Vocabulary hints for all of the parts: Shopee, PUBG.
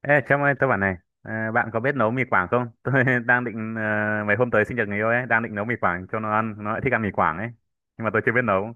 Ê, Trâm ơi, tôi bảo này, à, bạn có biết nấu mì Quảng không? Tôi đang định, à, mấy hôm tới sinh nhật người yêu ấy, đang định nấu mì Quảng cho nó ăn, nó lại thích ăn mì Quảng ấy. Nhưng mà tôi chưa biết nấu.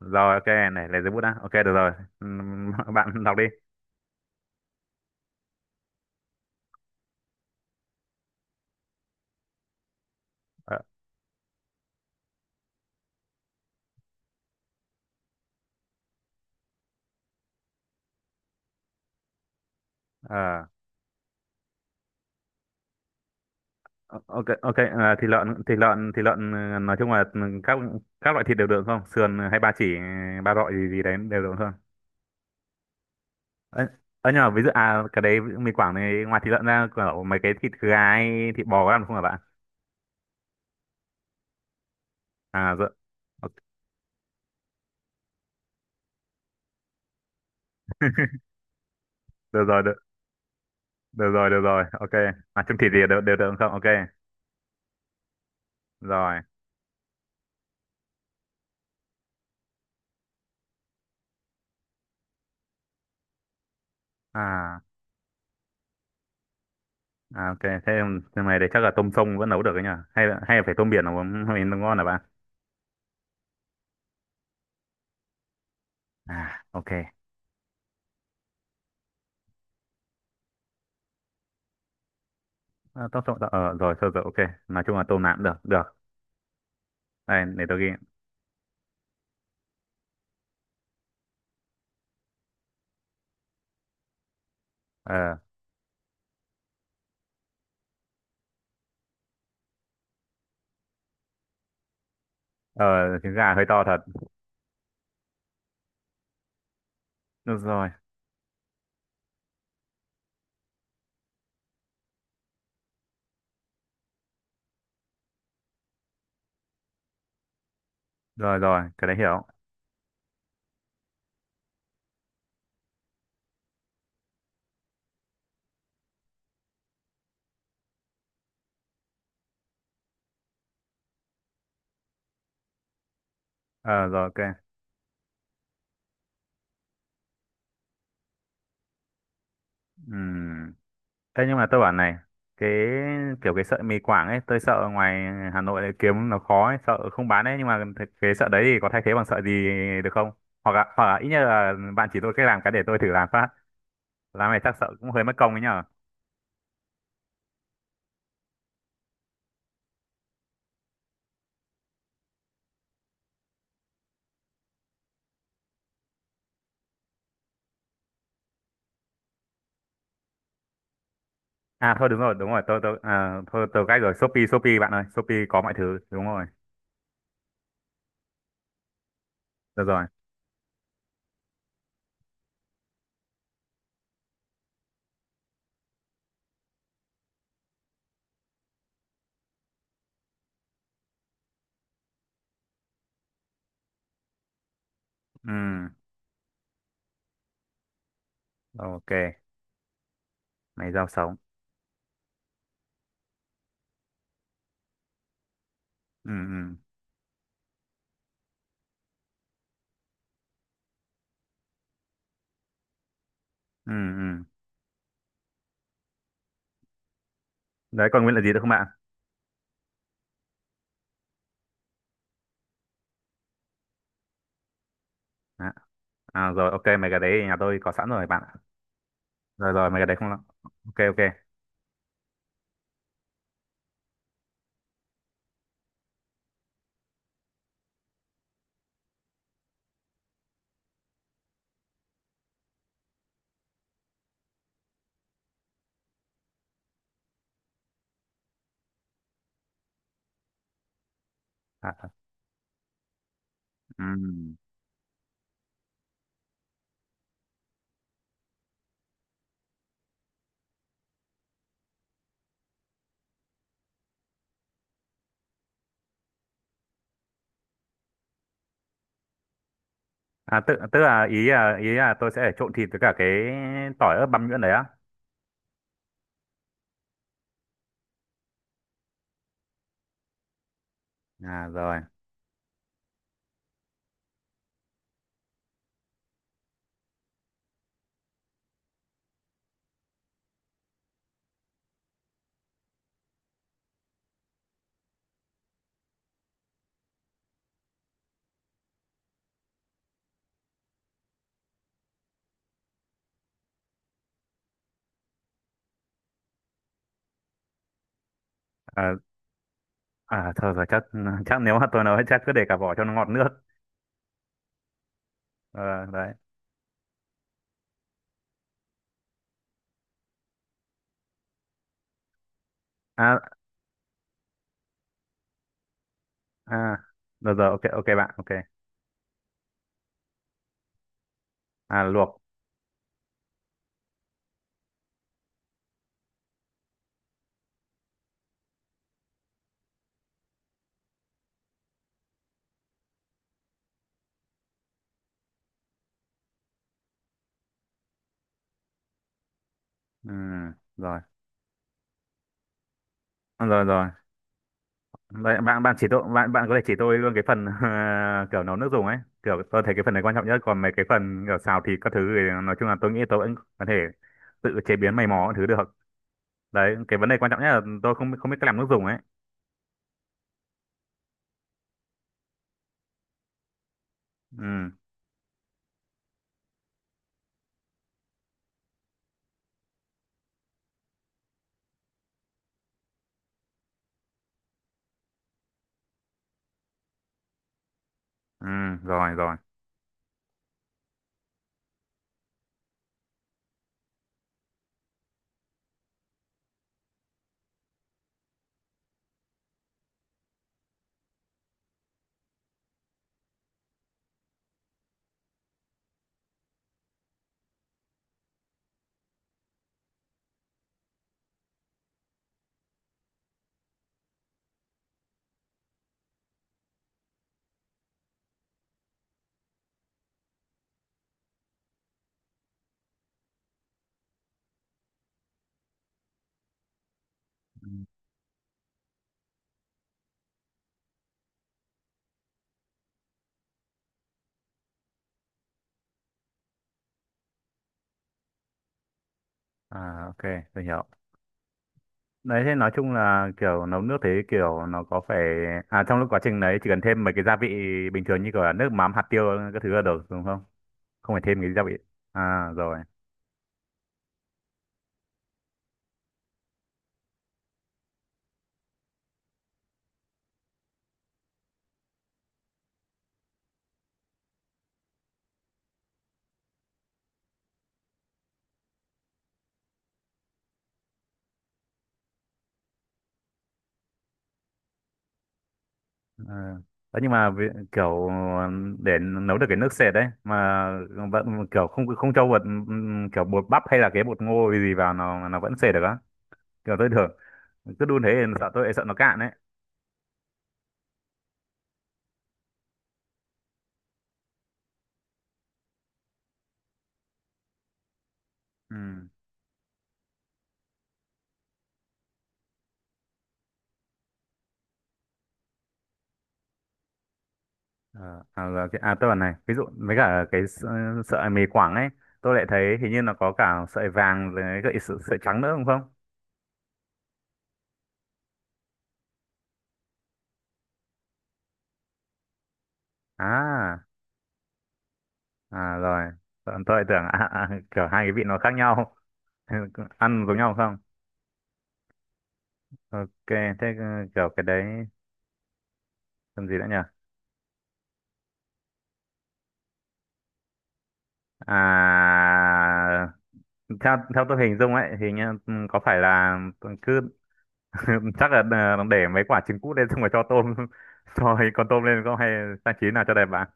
Rồi, ok, này, lấy giấy bút đã. Ok, được rồi. Bạn đọc đi. Ờ, ờ, ok, ok, ờ, thịt lợn, thịt lợn, thịt lợn, ờ, nói chung là các các loại thịt đều được không? Sườn hay ba chỉ, ba rọi gì gì đấy đều được không? Ơ, ờ, nhưng mà ví dụ, à, cái đấy mì Quảng này, ngoài thịt lợn ra, kiểu mấy cái thịt gà hay thịt bò có ăn không hả bạn? À, rồi, được rồi, được. Được rồi được rồi ok. À chung thịt gì đều đều được không ok. Rồi à, à ok. Thế nhưng này thì chắc là tôm sông vẫn nấu được đấy nhỉ, hay là phải tôm biển nó mới nó ngon là bạn? À ok à, tôm sông ờ rồi thôi rồi ok, nói chung là tôm nạm được được. Đây để tôi ghi. Ờ ờ, trứng gà hơi to thật. Được rồi. Rồi rồi cái đấy hiểu. Ờ rồi ok. Ừm, thế nhưng mà tôi bảo này, cái kiểu cái sợi mì Quảng ấy, tôi sợ ngoài Hà Nội lại kiếm nó khó ấy, sợ không bán ấy, nhưng mà cái sợi đấy thì có thay thế bằng sợi gì được không? Hoặc là ít nhất là bạn chỉ tôi cách làm cái để tôi thử làm phát. Làm này chắc sợ cũng hơi mất công ấy nhở. À thôi đúng rồi, tôi à, thôi tôi cách rồi, Shopee Shopee bạn ơi, Shopee có mọi thứ, đúng rồi. Được rồi. Ừ, ok, mày rau sống. Ừ ừ ừ ừ. Đấy còn nguyên là gì nữa không bạn? Đó. À, rồi ok mấy cái đấy nhà tôi có sẵn rồi bạn ạ. Rồi rồi mày cái đấy không lo. Ok ok à, à, ừm. À tức tức là ý là tôi sẽ trộn thịt với cả cái tỏi ớt băm nhuyễn đấy á. À rồi. À, à thôi rồi chắc chắc nếu mà tôi nói chắc cứ để cả vỏ cho nó ngọt nước. Ờ, đấy. À à rồi rồi ok ok bạn ok. À luộc. Ừm, rồi. À, rồi rồi. Vậy bạn bạn chỉ tôi, bạn bạn có thể chỉ tôi luôn cái phần kiểu nấu nước dùng ấy, kiểu tôi thấy cái phần này quan trọng nhất, còn mấy cái phần kiểu xào thịt các thứ thì nói chung là tôi nghĩ tôi vẫn có thể tự chế biến mày mò các thứ được. Đấy cái vấn đề quan trọng nhất là tôi không không biết cách làm nước dùng ấy. Ừ ừ rồi rồi à ok tôi hiểu. Đấy thế nói chung là kiểu nấu nước thế, kiểu nó có phải à trong lúc quá trình đấy chỉ cần thêm mấy cái gia vị bình thường như kiểu là nước mắm hạt tiêu các thứ là được đúng không, không phải thêm cái gia vị. À rồi. À. Đấy, nhưng mà kiểu để nấu được cái nước sệt đấy mà vẫn kiểu không không cho bột kiểu bột bắp hay là cái bột ngô gì vào nó vẫn sệt được á, kiểu tôi thường cứ đun thế thì sợ tôi sợ nó cạn đấy. Ừ. Ờ, à, là cái, à tôi bảo này ví dụ với cả cái sợi mì Quảng ấy, tôi lại thấy hình như nó có cả sợi vàng với cả sợi, sợi trắng nữa đúng không? À à rồi. Tôi lại tưởng à, à, kiểu hai cái vị nó khác nhau ăn giống nhau không? Ok thế ừ, kiểu cái đấy làm gì nữa nhỉ. À theo theo tôi hình dung ấy thì nhá, ừ, có phải là tôi cứ chắc là ờ, để mấy quả trứng cút lên xong rồi cho tôm cho con tôm lên không, hay trang trí nào cho đẹp bạn?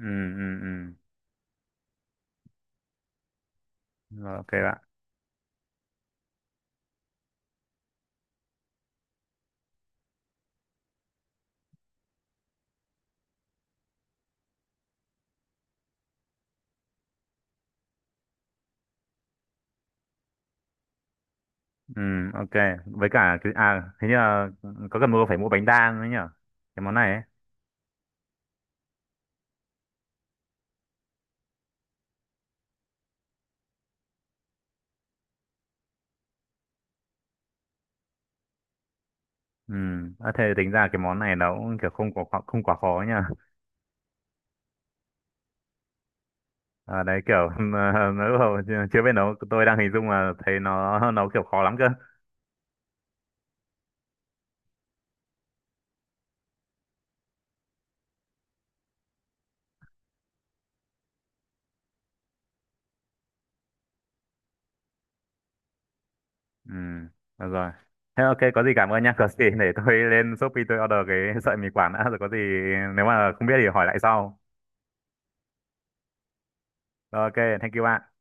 Ừ ừ ừ. Rồi, ok bạn. Ừ ok. Với cả cái à thế như là có cần mua phải mua bánh đa nữa nhở cái món này ấy. Ừ. À, thế tính ra cái món này nó cũng kiểu không quá khó nhở. À, đấy kiểu nó lúc đầu chưa chưa biết nấu tôi đang hình dung mà thấy nó nấu kiểu khó lắm cơ. Ừ. Được rồi. Thế ok có gì cảm ơn nha có gì để tôi lên Shopee tôi order cái sợi mì quảng đã rồi có gì nếu mà không biết thì hỏi lại sau. Rồi, ok. Thank you bạn.